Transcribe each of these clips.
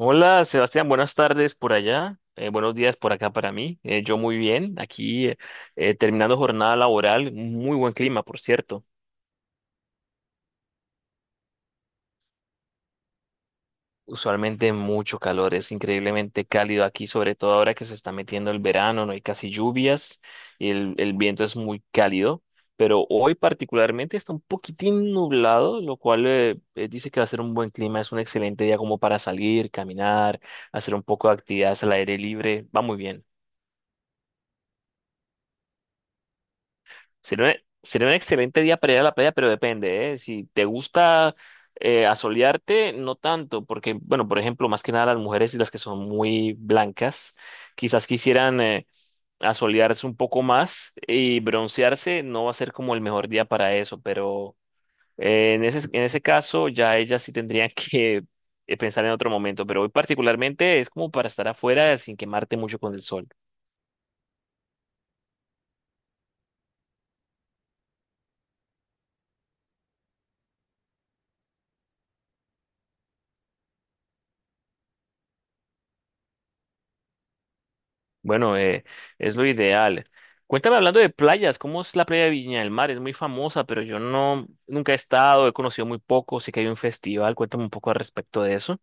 Hola, Sebastián, buenas tardes por allá, buenos días por acá para mí. Yo muy bien, aquí terminando jornada laboral, muy buen clima, por cierto. Usualmente mucho calor, es increíblemente cálido aquí, sobre todo ahora que se está metiendo el verano, no hay casi lluvias y el viento es muy cálido, pero hoy particularmente está un poquitín nublado, lo cual dice que va a ser un buen clima, es un excelente día como para salir, caminar, hacer un poco de actividades al aire libre, va muy bien. Sería un, sería un excelente día para ir a la playa, pero depende, ¿eh? Si te gusta asolearte, no tanto, porque, bueno, por ejemplo, más que nada las mujeres y las que son muy blancas, quizás quisieran asolearse un poco más y broncearse, no va a ser como el mejor día para eso, pero en en ese caso ya ellas sí tendrían que pensar en otro momento, pero hoy particularmente es como para estar afuera sin quemarte mucho con el sol. Bueno, es lo ideal. Cuéntame, hablando de playas, ¿cómo es la playa de Viña del Mar? Es muy famosa, pero yo no, nunca he estado, he conocido muy poco, sé que hay un festival, cuéntame un poco al respecto de eso.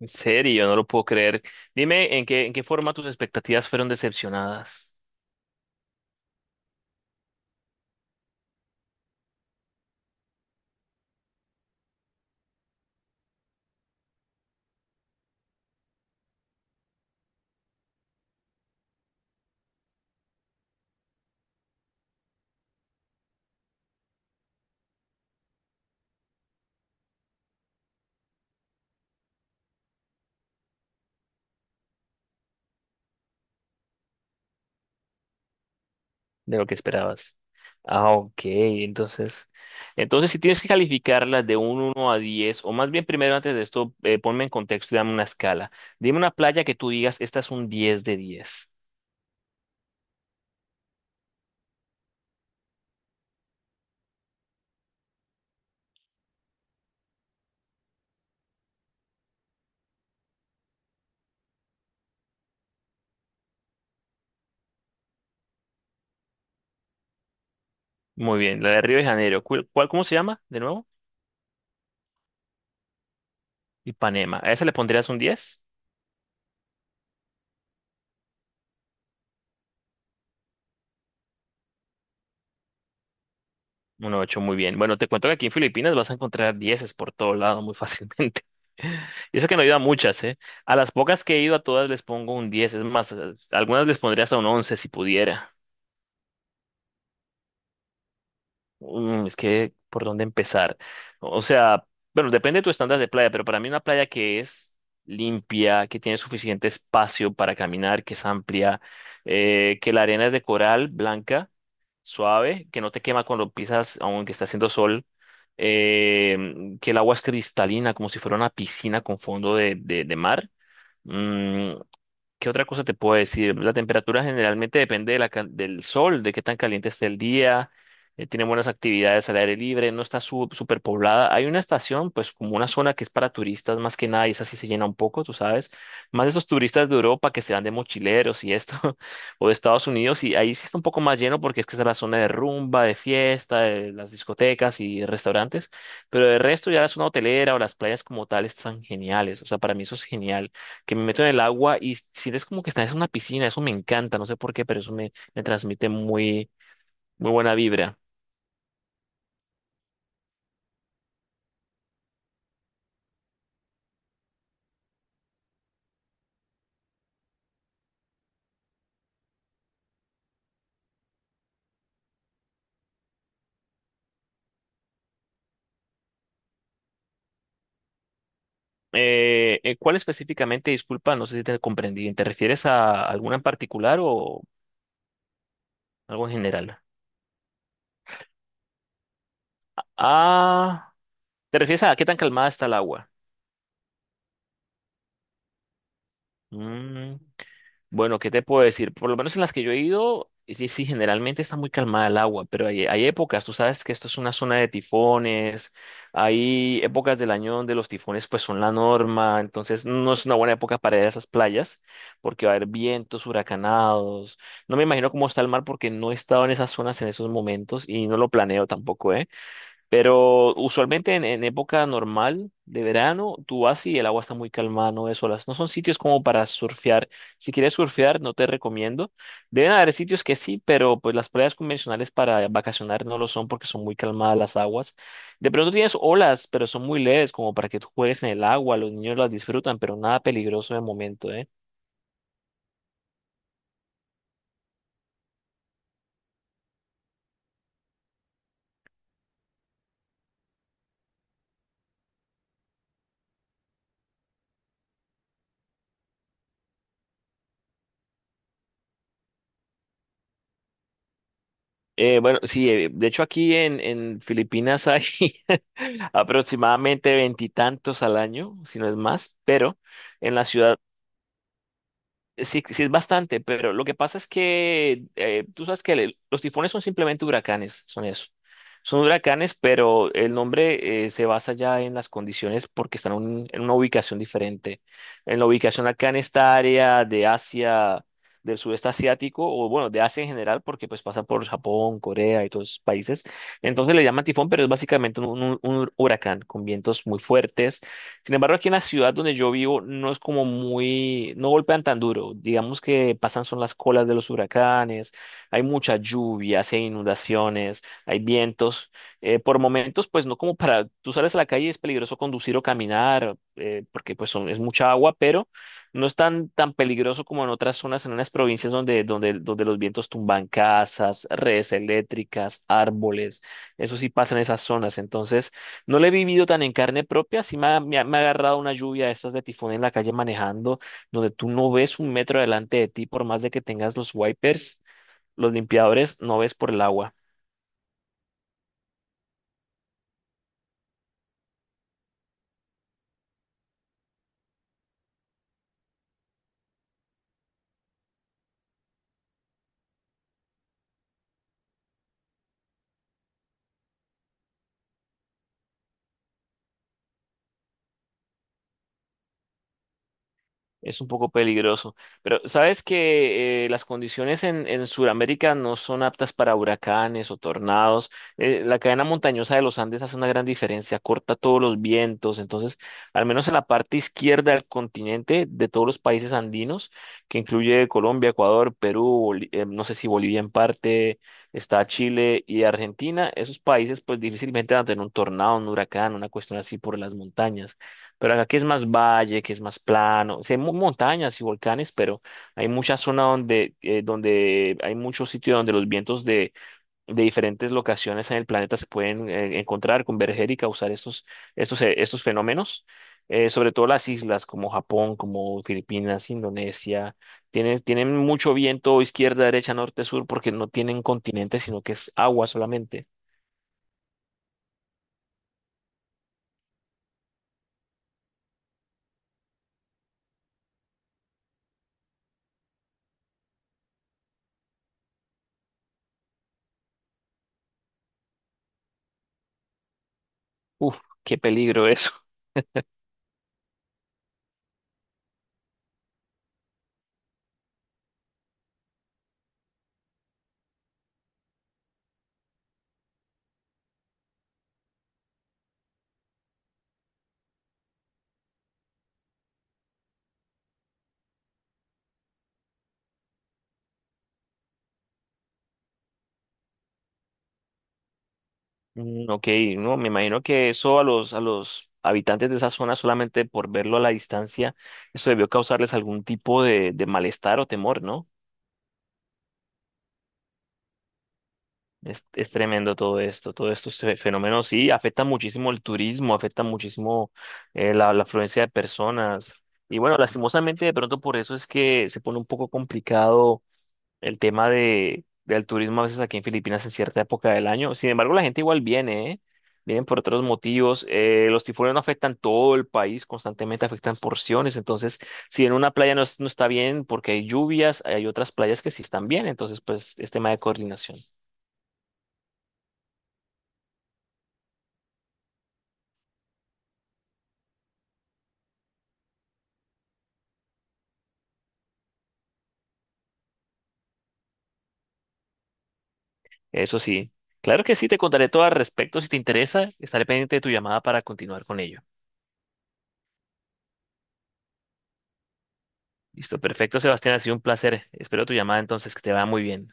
En serio, no lo puedo creer. Dime en en qué forma tus expectativas fueron decepcionadas de lo que esperabas. Ah, ok, entonces si tienes que calificarlas de un 1 a 10, o más bien primero antes de esto, ponme en contexto y dame una escala. Dime una playa que tú digas, esta es un 10 de 10. Muy bien, la de Río de Janeiro. Cómo se llama de nuevo? Ipanema. ¿A esa le pondrías un 10? Un 8, muy bien. Bueno, te cuento que aquí en Filipinas vas a encontrar dieces por todo lado muy fácilmente. Y eso que no he ido a muchas, ¿eh? A las pocas que he ido a todas les pongo un 10. Es más, algunas les pondría hasta un 11 si pudiera. Mm, es que, ¿por dónde empezar? O sea, bueno, depende de tu estándar de playa, pero para mí una playa que es limpia, que tiene suficiente espacio para caminar, que es amplia, que la arena es de coral blanca suave, que no te quema cuando pisas, aunque está haciendo sol, que el agua es cristalina, como si fuera una piscina con fondo de, de mar. Mm, ¿Qué otra cosa te puedo decir? La temperatura generalmente depende de la del sol, de qué tan caliente esté el día. Tiene buenas actividades al aire libre, no está súper poblada. Hay una estación, pues como una zona que es para turistas más que nada, y esa sí se llena un poco, tú sabes. Más esos turistas de Europa que se van de mochileros y esto, o de Estados Unidos, y ahí sí está un poco más lleno porque es que esa es la zona de rumba, de fiesta, de las discotecas y restaurantes. Pero el resto ya la zona hotelera o las playas como tal están geniales. O sea, para mí eso es genial, que me meto en el agua y sientes como que estás en una piscina, eso me encanta, no sé por qué, pero eso me, me transmite muy, muy buena vibra. ¿Cuál específicamente? Disculpa, no sé si te comprendí bien. ¿Te refieres a alguna en particular o algo en general? Ah, ¿te refieres a qué tan calmada está el agua? Mm, Bueno, ¿qué te puedo decir? Por lo menos en las que yo he ido, sí, sí, generalmente está muy calmada el agua, pero hay épocas, tú sabes que esto es una zona de tifones, hay épocas del año donde los tifones pues son la norma, entonces no es una buena época para ir a esas playas porque va a haber vientos huracanados. No me imagino cómo está el mar porque no he estado en esas zonas en esos momentos y no lo planeo tampoco, ¿eh? Pero usualmente en época normal de verano, tú vas y el agua está muy calmada, no ves olas. No son sitios como para surfear. Si quieres surfear, no te recomiendo. Deben haber sitios que sí, pero pues las playas convencionales para vacacionar no lo son porque son muy calmadas las aguas. De pronto tienes olas, pero son muy leves como para que tú juegues en el agua. Los niños las disfrutan, pero nada peligroso de momento, ¿eh? Bueno, sí, de hecho aquí en Filipinas hay aproximadamente veintitantos al año, si no es más, pero en la ciudad sí, sí es bastante, pero lo que pasa es que tú sabes que los tifones son simplemente huracanes, son eso. Son huracanes, pero el nombre se basa ya en las condiciones porque están en una ubicación diferente. En la ubicación acá en esta área de Asia, del sudeste asiático, o bueno, de Asia en general, porque pues pasa por Japón, Corea y todos esos países. Entonces le llaman tifón, pero es básicamente un, un huracán con vientos muy fuertes. Sin embargo, aquí en la ciudad donde yo vivo no es como muy, no golpean tan duro. Digamos que pasan son las colas de los huracanes, hay mucha lluvia, hay inundaciones, hay vientos. Por momentos, pues no como para, tú sales a la calle y es peligroso conducir o caminar, porque pues es mucha agua, pero no es tan, tan peligroso como en otras zonas, en unas provincias donde, donde los vientos tumban casas, redes eléctricas, árboles. Eso sí pasa en esas zonas. Entonces, no lo he vivido tan en carne propia, sí me ha, me ha agarrado una lluvia de estas de tifón en la calle manejando, donde tú no ves un metro delante de ti, por más de que tengas los wipers, los limpiadores, no ves por el agua. Es un poco peligroso, pero sabes que las condiciones en Sudamérica no son aptas para huracanes o tornados. La cadena montañosa de los Andes hace una gran diferencia, corta todos los vientos. Entonces, al menos en la parte izquierda del continente de todos los países andinos, que incluye Colombia, Ecuador, Perú, no sé si Bolivia en parte, está Chile y Argentina, esos países pues difícilmente van a tener un tornado, un huracán, una cuestión así por las montañas. Pero acá que es más valle, que es más plano, sí hay montañas y volcanes, pero hay mucha zona donde, donde hay muchos sitios donde los vientos de diferentes locaciones en el planeta se pueden encontrar, converger y causar estos, estos fenómenos. Sobre todo las islas como Japón, como Filipinas, Indonesia, tienen, tienen mucho viento izquierda, derecha, norte, sur, porque no tienen continente, sino que es agua solamente. Uf, qué peligro eso. Ok, no, me imagino que eso a los habitantes de esa zona, solamente por verlo a la distancia, eso debió causarles algún tipo de malestar o temor, ¿no? Es tremendo todo esto, todos estos fenómenos, sí, afecta muchísimo el turismo, afecta muchísimo la, la afluencia de personas. Y bueno, lastimosamente de pronto por eso es que se pone un poco complicado el tema de, del turismo a veces aquí en Filipinas en cierta época del año. Sin embargo, la gente igual viene, ¿eh? Vienen por otros motivos. Los tifones no afectan todo el país, constantemente afectan porciones. Entonces, si en una playa no, no está bien porque hay lluvias, hay otras playas que sí están bien. Entonces, pues es tema de coordinación. Eso sí. Claro que sí, te contaré todo al respecto. Si te interesa, estaré pendiente de tu llamada para continuar con ello. Listo, perfecto, Sebastián, ha sido un placer. Espero tu llamada entonces, que te vaya muy bien.